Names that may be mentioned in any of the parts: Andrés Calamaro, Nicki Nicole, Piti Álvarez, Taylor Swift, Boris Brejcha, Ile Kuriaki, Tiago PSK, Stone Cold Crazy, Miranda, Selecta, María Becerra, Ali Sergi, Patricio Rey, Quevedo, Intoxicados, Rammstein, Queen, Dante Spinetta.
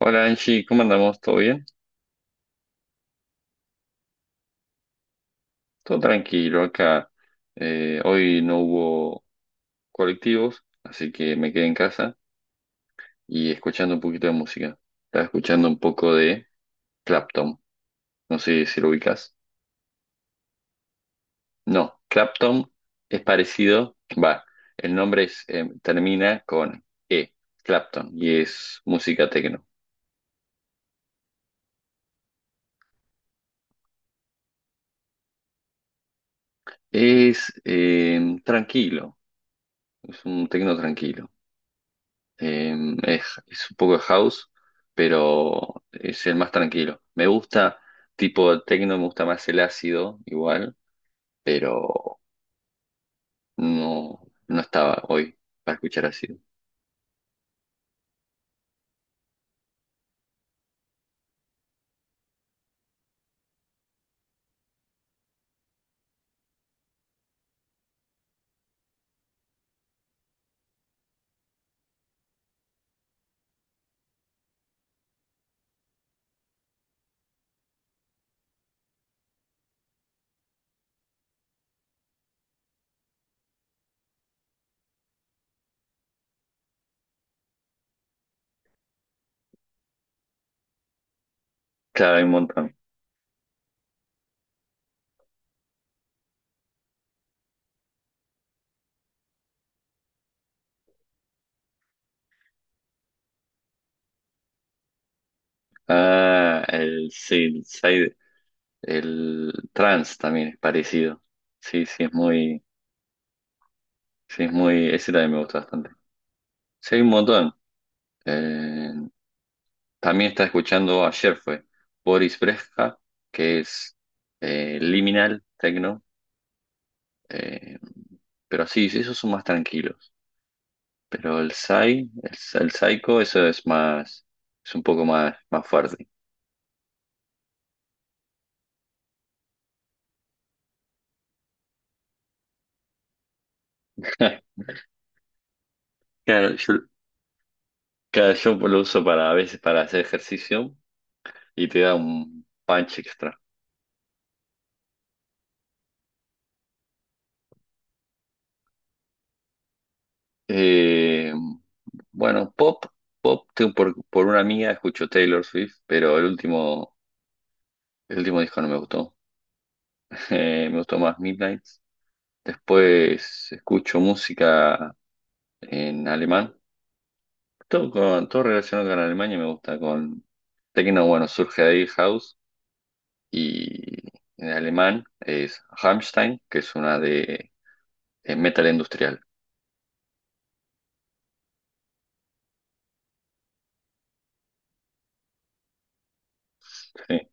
Hola Angie, ¿cómo andamos? ¿Todo bien? Todo tranquilo acá. Hoy no hubo colectivos, así que me quedé en casa y escuchando un poquito de música. Estaba escuchando un poco de Clapton. No sé si lo ubicas. No, Clapton es parecido. Va, el nombre termina con E, Clapton, y es música tecno. Es tranquilo, es un tecno tranquilo. Es un poco de house, pero es el más tranquilo. Me gusta tipo techno, me gusta más el ácido igual, pero no, no estaba hoy para escuchar ácido. Claro, hay un montón. Ah, sí, el trance también es parecido. Sí, sí, sí, ese también me gusta bastante. Sí, hay un montón. Eh, También estaba escuchando ayer fue Boris Brejcha, que es liminal, techno, eh, pero sí, sí, esos son más tranquilos. Pero el Psycho, eso es un poco más, más fuerte. Claro, yo, claro, yo lo uso para a veces para hacer ejercicio y te da un punch extra. Eh, bueno, pop, tengo por una amiga escucho Taylor Swift, pero el último disco no me gustó. Me gustó más Midnight. Después escucho música en alemán. Todo relacionado con Alemania me gusta. Con techno, bueno, surge de ahí House. Y en alemán es Rammstein, que es una de metal industrial. Sí.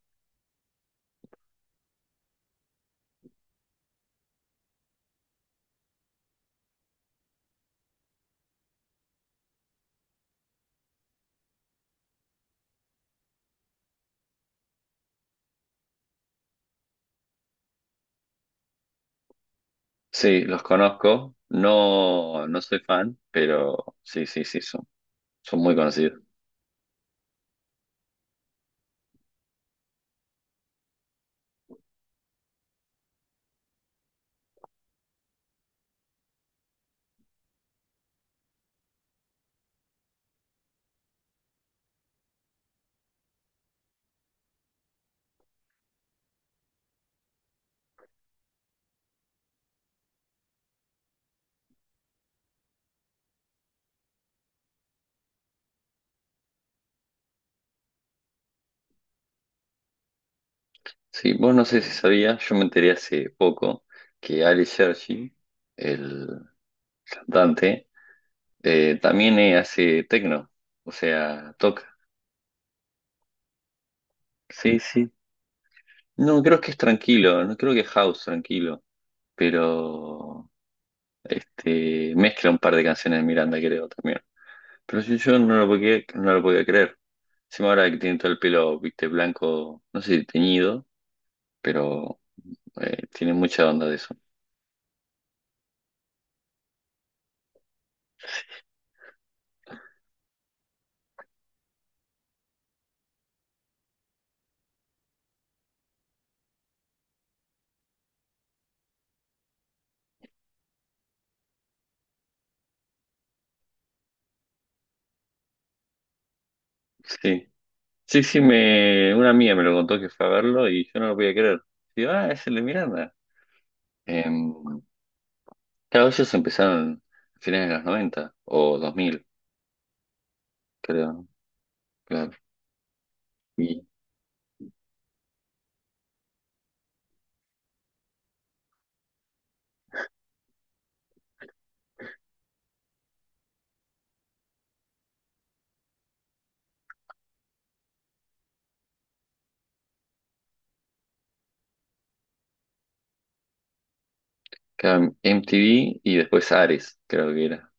Sí, los conozco. No, no soy fan, pero sí, sí, sí, son muy conocidos. Sí, vos no sé si sabías, yo me enteré hace poco que Ali Sergi, el cantante, también hace techno, o sea, toca. Sí, sí. No, creo que es tranquilo, no creo que es house tranquilo, pero este mezcla un par de canciones de Miranda, creo también. Pero sí, yo no lo podía creer. Encima ahora que tiene todo el pelo, viste, blanco, no sé si teñido, pero tiene mucha onda de eso. Sí, sí, sí, una amiga me lo contó que fue a verlo y yo no lo podía creer. Digo, ah, es el de Miranda. Eh, Claro, ellos empezaron a finales de los 90 o 2000 creo. Claro. Y claro, MTV y después Ares, creo que era.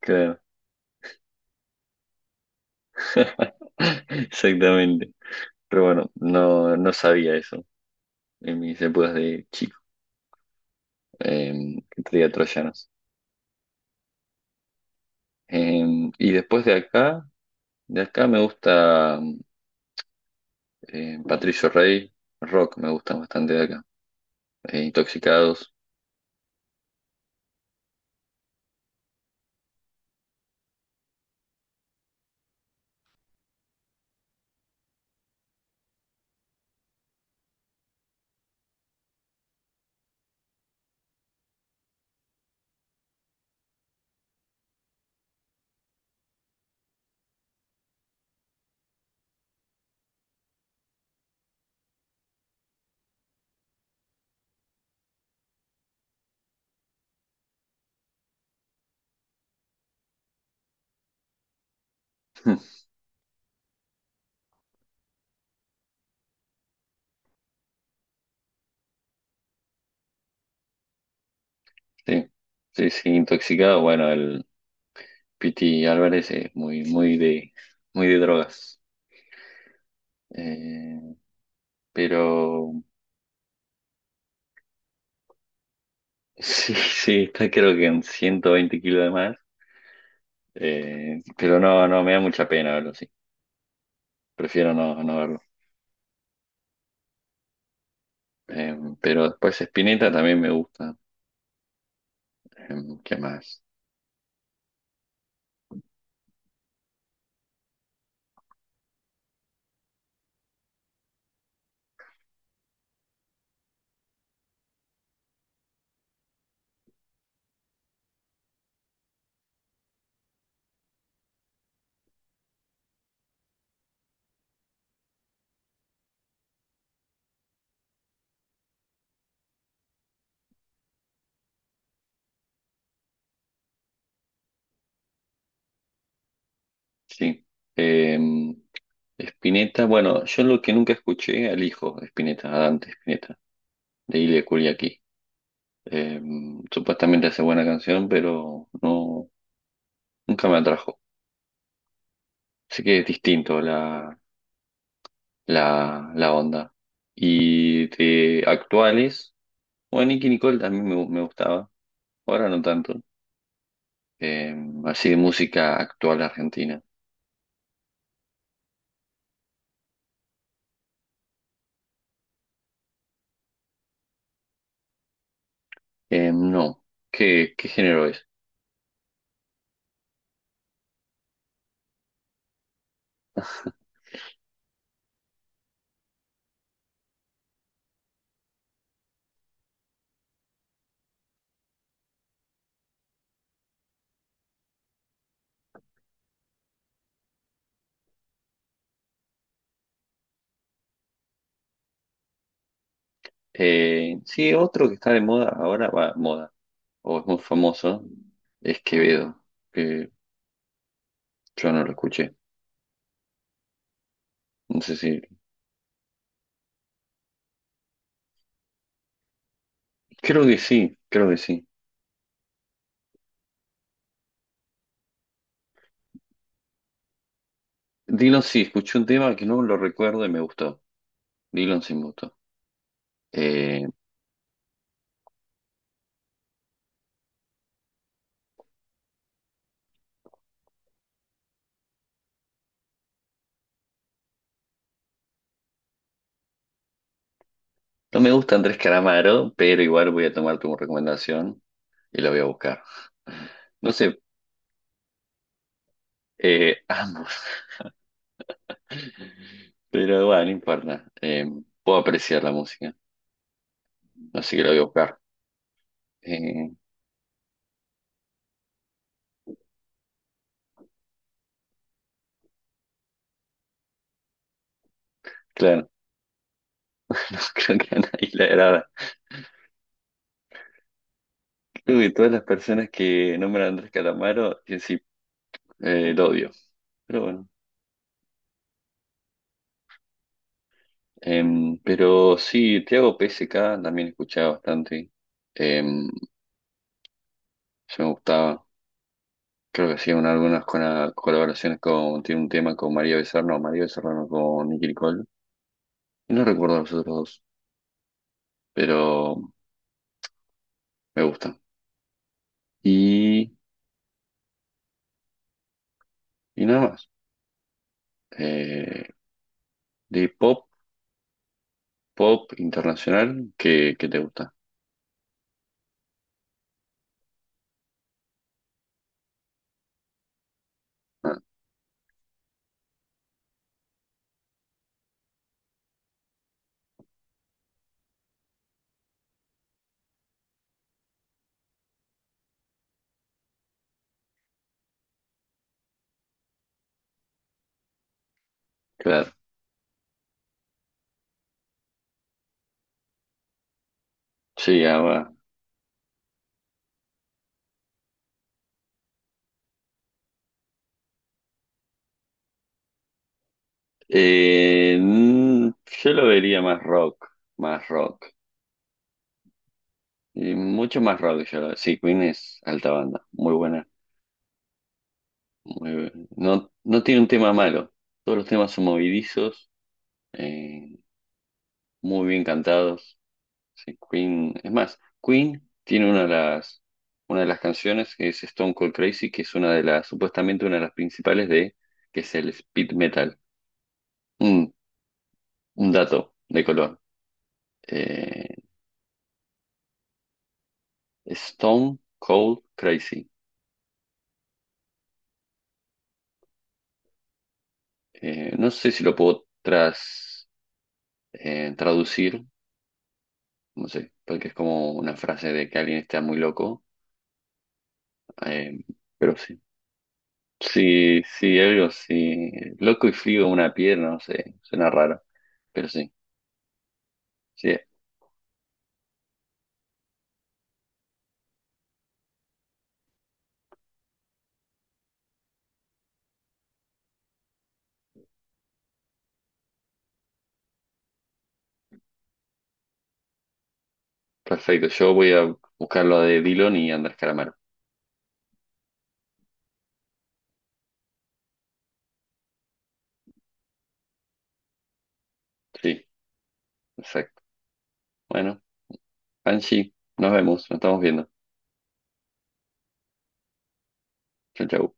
Claro. Exactamente. Pero bueno, no, no sabía eso en mis épocas de chico, que traía troyanos. Y después de acá me gusta Patricio Rey, rock me gusta bastante de acá. Intoxicados. Sí, sí, sí, Intoxicados, bueno, el Piti Álvarez es muy, muy de drogas. Eh, pero sí, sí, está creo que en 120 kilos de más. Pero no, no, me da mucha pena verlo, sí. Prefiero no, no verlo. Eh, pero después Spinetta también me gusta. Eh, ¿Qué más? Sí. Eh, Spinetta, bueno, yo lo que nunca escuché al hijo de Spinetta, a Dante Spinetta, de Ile Kuriaki. Eh, Supuestamente hace buena canción, pero no, nunca me atrajo. Así que es distinto la onda. Y de actuales, bueno, Nicki Nicole también me gustaba, ahora no tanto. Eh, Así de música actual argentina. No, ¿qué género es? Sí, otro que está de moda ahora, va, moda, o es muy famoso, es Quevedo, que yo no lo escuché. No sé si, creo que sí, creo que sí. Dylan sí, escuché un tema que no lo recuerdo y me gustó. Dylan sí me gustó. Eh, No me gusta Andrés Calamaro, pero igual voy a tomar tu recomendación y la voy a buscar. No sé, ambos, pero bueno, no importa. Puedo apreciar la música, así que la voy a buscar. Eh, claro, no creo que a nadie le agrada. Creo que todas las personas que nombran a Andrés Calamaro, que sí, lo odio. Pero bueno, pero sí, Tiago PSK también escuchaba bastante. Em, yo me gustaba. Creo que sí, algunas con colaboraciones tiene un tema con María Becerra no, con Nicki Nicole. Y no recuerdo los otros dos, pero me gustan. Y, y nada más. Eh, de pop internacional, ¿qué te gusta? Ah, claro. Sí, ahora. Eh, mm, yo lo vería más rock, más rock. Y mucho más rock, sí, Queen es alta banda, muy buena. Muy, bu- no, no tiene un tema malo. Todos los temas son movidizos eh, muy bien cantados. Sí, Queen, Queen tiene una de las canciones que es Stone Cold Crazy, que es una de las, supuestamente una de las principales que es el speed metal. Un, un dato de color. Eh, Stone Cold Crazy. No sé si lo puedo traducir, no sé, porque es como una frase de que alguien está muy loco, eh, pero sí. Sí, sí, algo así. Loco y frío una pierna, no sé, suena raro, pero sí, sí, perfecto. Yo voy a buscar lo de Dillon y Andrés Calamaro. Sí, exacto. Bueno, Angie, nos vemos, nos estamos viendo. Chau, chau.